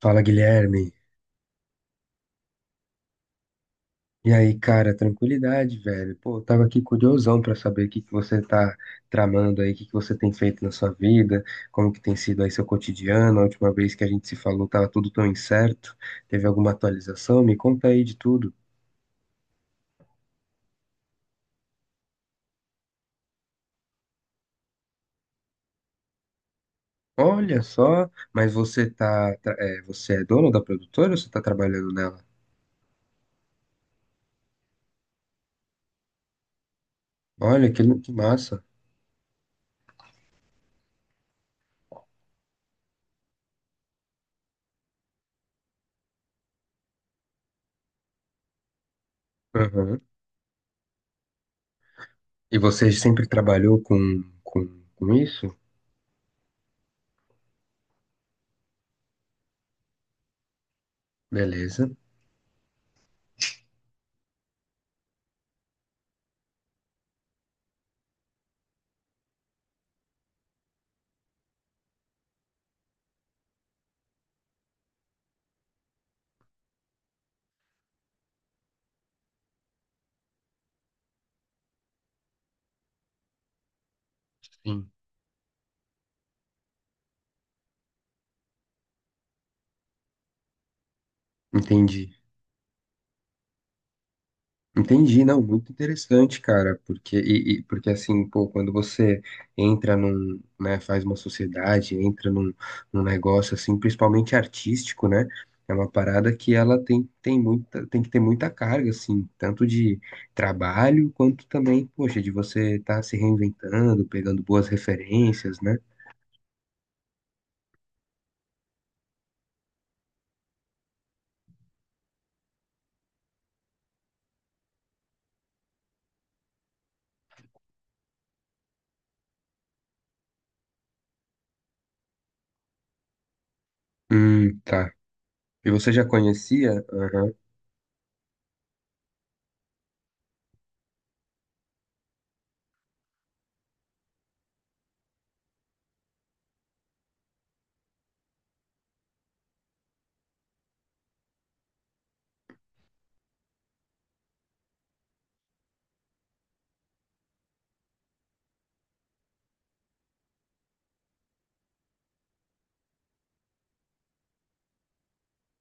Fala, Guilherme. E aí, cara, tranquilidade, velho. Pô, eu tava aqui curiosão pra saber o que que você tá tramando aí, o que que você tem feito na sua vida, como que tem sido aí seu cotidiano. A última vez que a gente se falou tava tudo tão incerto. Teve alguma atualização? Me conta aí de tudo. Olha só, mas você é dono da produtora ou você tá trabalhando nela? Olha, que massa. Aham. E você sempre trabalhou com isso? Beleza. Sim. Entendi. Entendi, não, muito interessante, cara, porque assim, pô, quando você entra num, né, faz uma sociedade, entra num negócio assim, principalmente artístico, né? É uma parada que ela tem muita, tem que ter muita carga, assim, tanto de trabalho quanto também, poxa, de você estar se reinventando, pegando boas referências, né? Tá. E você já conhecia? Aham,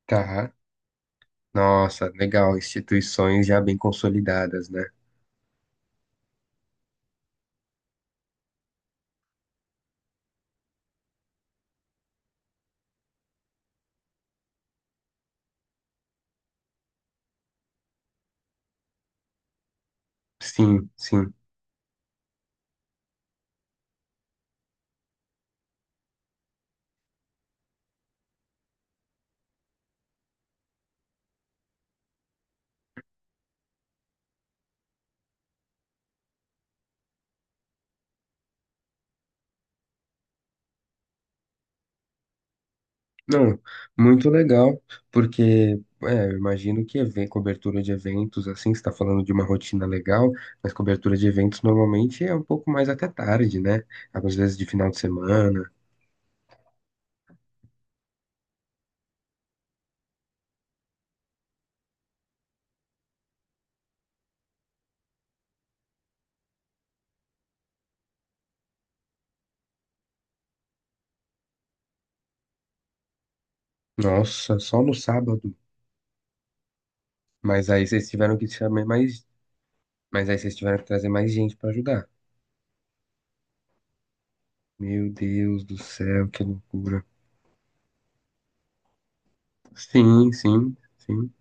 tá. Nossa, legal, instituições já bem consolidadas, né? Sim, sim. Não, muito legal, porque é, eu imagino que cobertura de eventos, assim, você está falando de uma rotina legal, mas cobertura de eventos normalmente é um pouco mais até tarde, né? Às vezes de final de semana. Nossa, só no sábado. Mas aí vocês tiveram que chamar mais, mas aí vocês tiveram que trazer mais gente para ajudar. Meu Deus do céu, que loucura. Sim, sim, sim,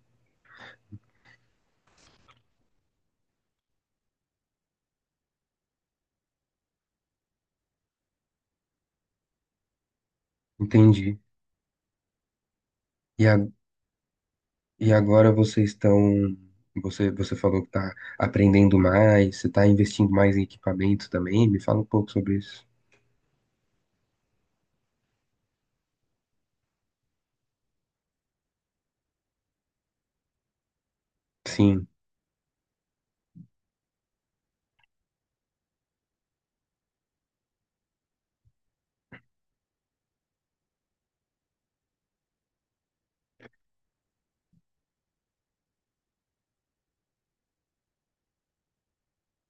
entendi. E agora E agora vocês estão. Você, você falou que está aprendendo mais, você está investindo mais em equipamento também. Me fala um pouco sobre isso. Sim,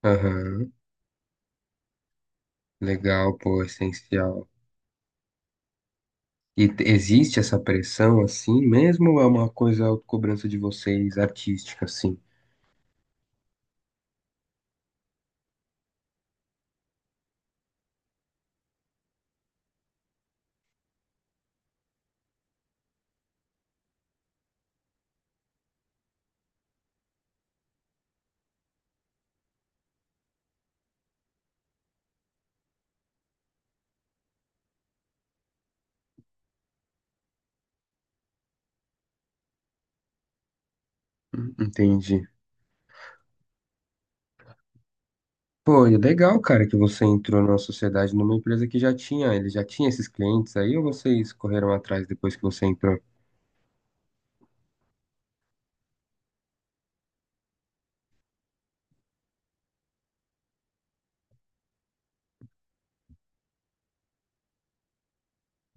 aham. Legal, pô, essencial. E existe essa pressão assim mesmo ou é uma coisa cobrança de vocês artística, assim? Entendi. Pô, e é legal, cara, que você entrou na sociedade, numa empresa que já tinha, ele já tinha esses clientes aí, ou vocês correram atrás depois que você entrou?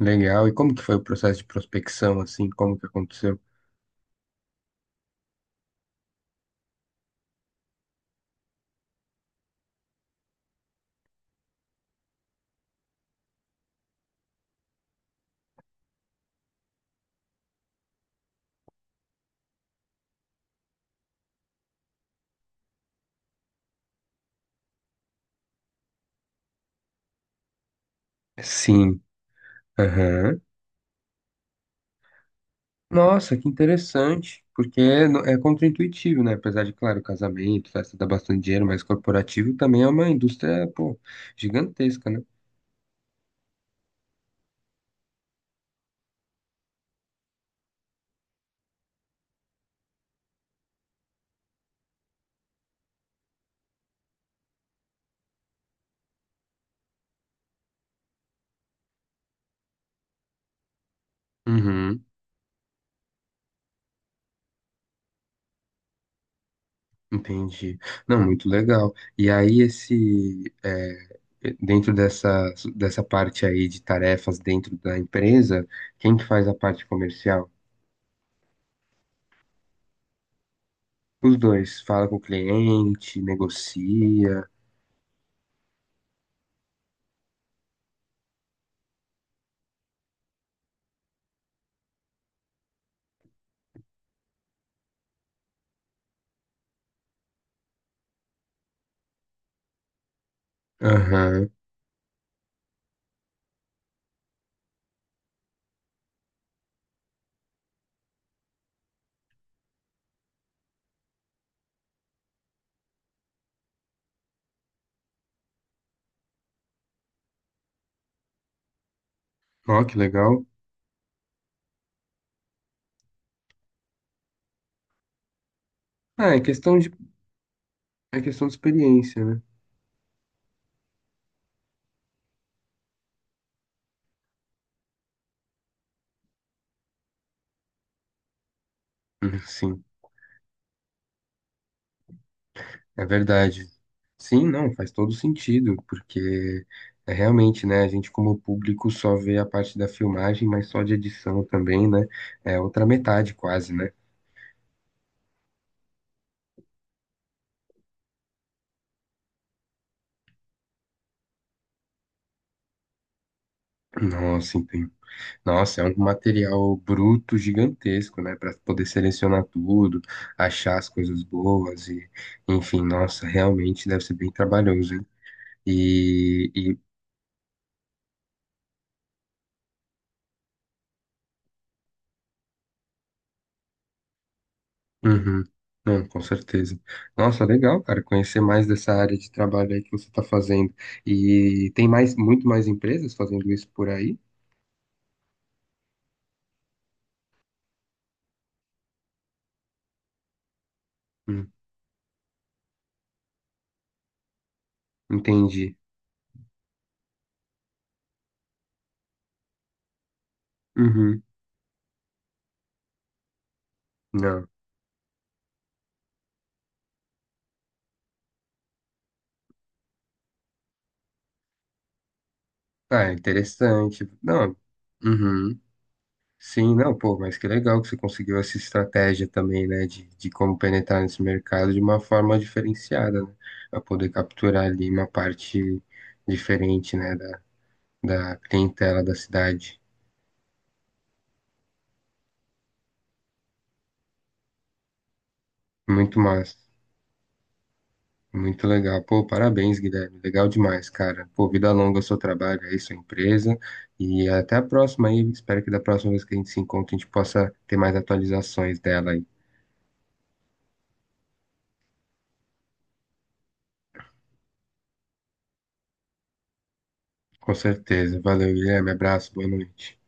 Legal. E como que foi o processo de prospecção, assim? Como que aconteceu? Sim. Aham. Nossa, que interessante. Porque é, é contraintuitivo, né? Apesar de, claro, casamento, festa dá bastante dinheiro, mas corporativo também é uma indústria, pô, gigantesca, né? Uhum, entendi. Não, muito legal. E aí, esse, é, dentro dessa parte aí de tarefas dentro da empresa, quem que faz a parte comercial? Os dois, fala com o cliente, negocia. Aham. Ó, que legal. Ah, é questão de É questão de experiência, né? Sim, é verdade. Sim, não, faz todo sentido, porque é realmente, né, a gente como público só vê a parte da filmagem, mas só de edição também, né? É outra metade quase, né? Nossa, entendi. Nossa, é um material bruto gigantesco, né, para poder selecionar tudo, achar as coisas boas e, enfim, nossa, realmente deve ser bem trabalhoso, hein? E, e Uhum. Não, com certeza. Nossa, legal, cara, conhecer mais dessa área de trabalho aí que você está fazendo. E tem mais, muito mais empresas fazendo isso por aí? Hum, entendi. Uhum. Não. Ah, é interessante. Não. Uhum. Sim, não, pô, mas que legal que você conseguiu essa estratégia também, né, de como penetrar nesse mercado de uma forma diferenciada, né, para poder capturar ali uma parte diferente, né, da clientela da cidade. Muito massa. Muito legal. Pô, parabéns, Guilherme. Legal demais, cara. Pô, vida longa ao seu trabalho aí, sua empresa. E até a próxima aí. Espero que da próxima vez que a gente se encontre, a gente possa ter mais atualizações dela aí. Com certeza. Valeu, Guilherme. Abraço, boa noite.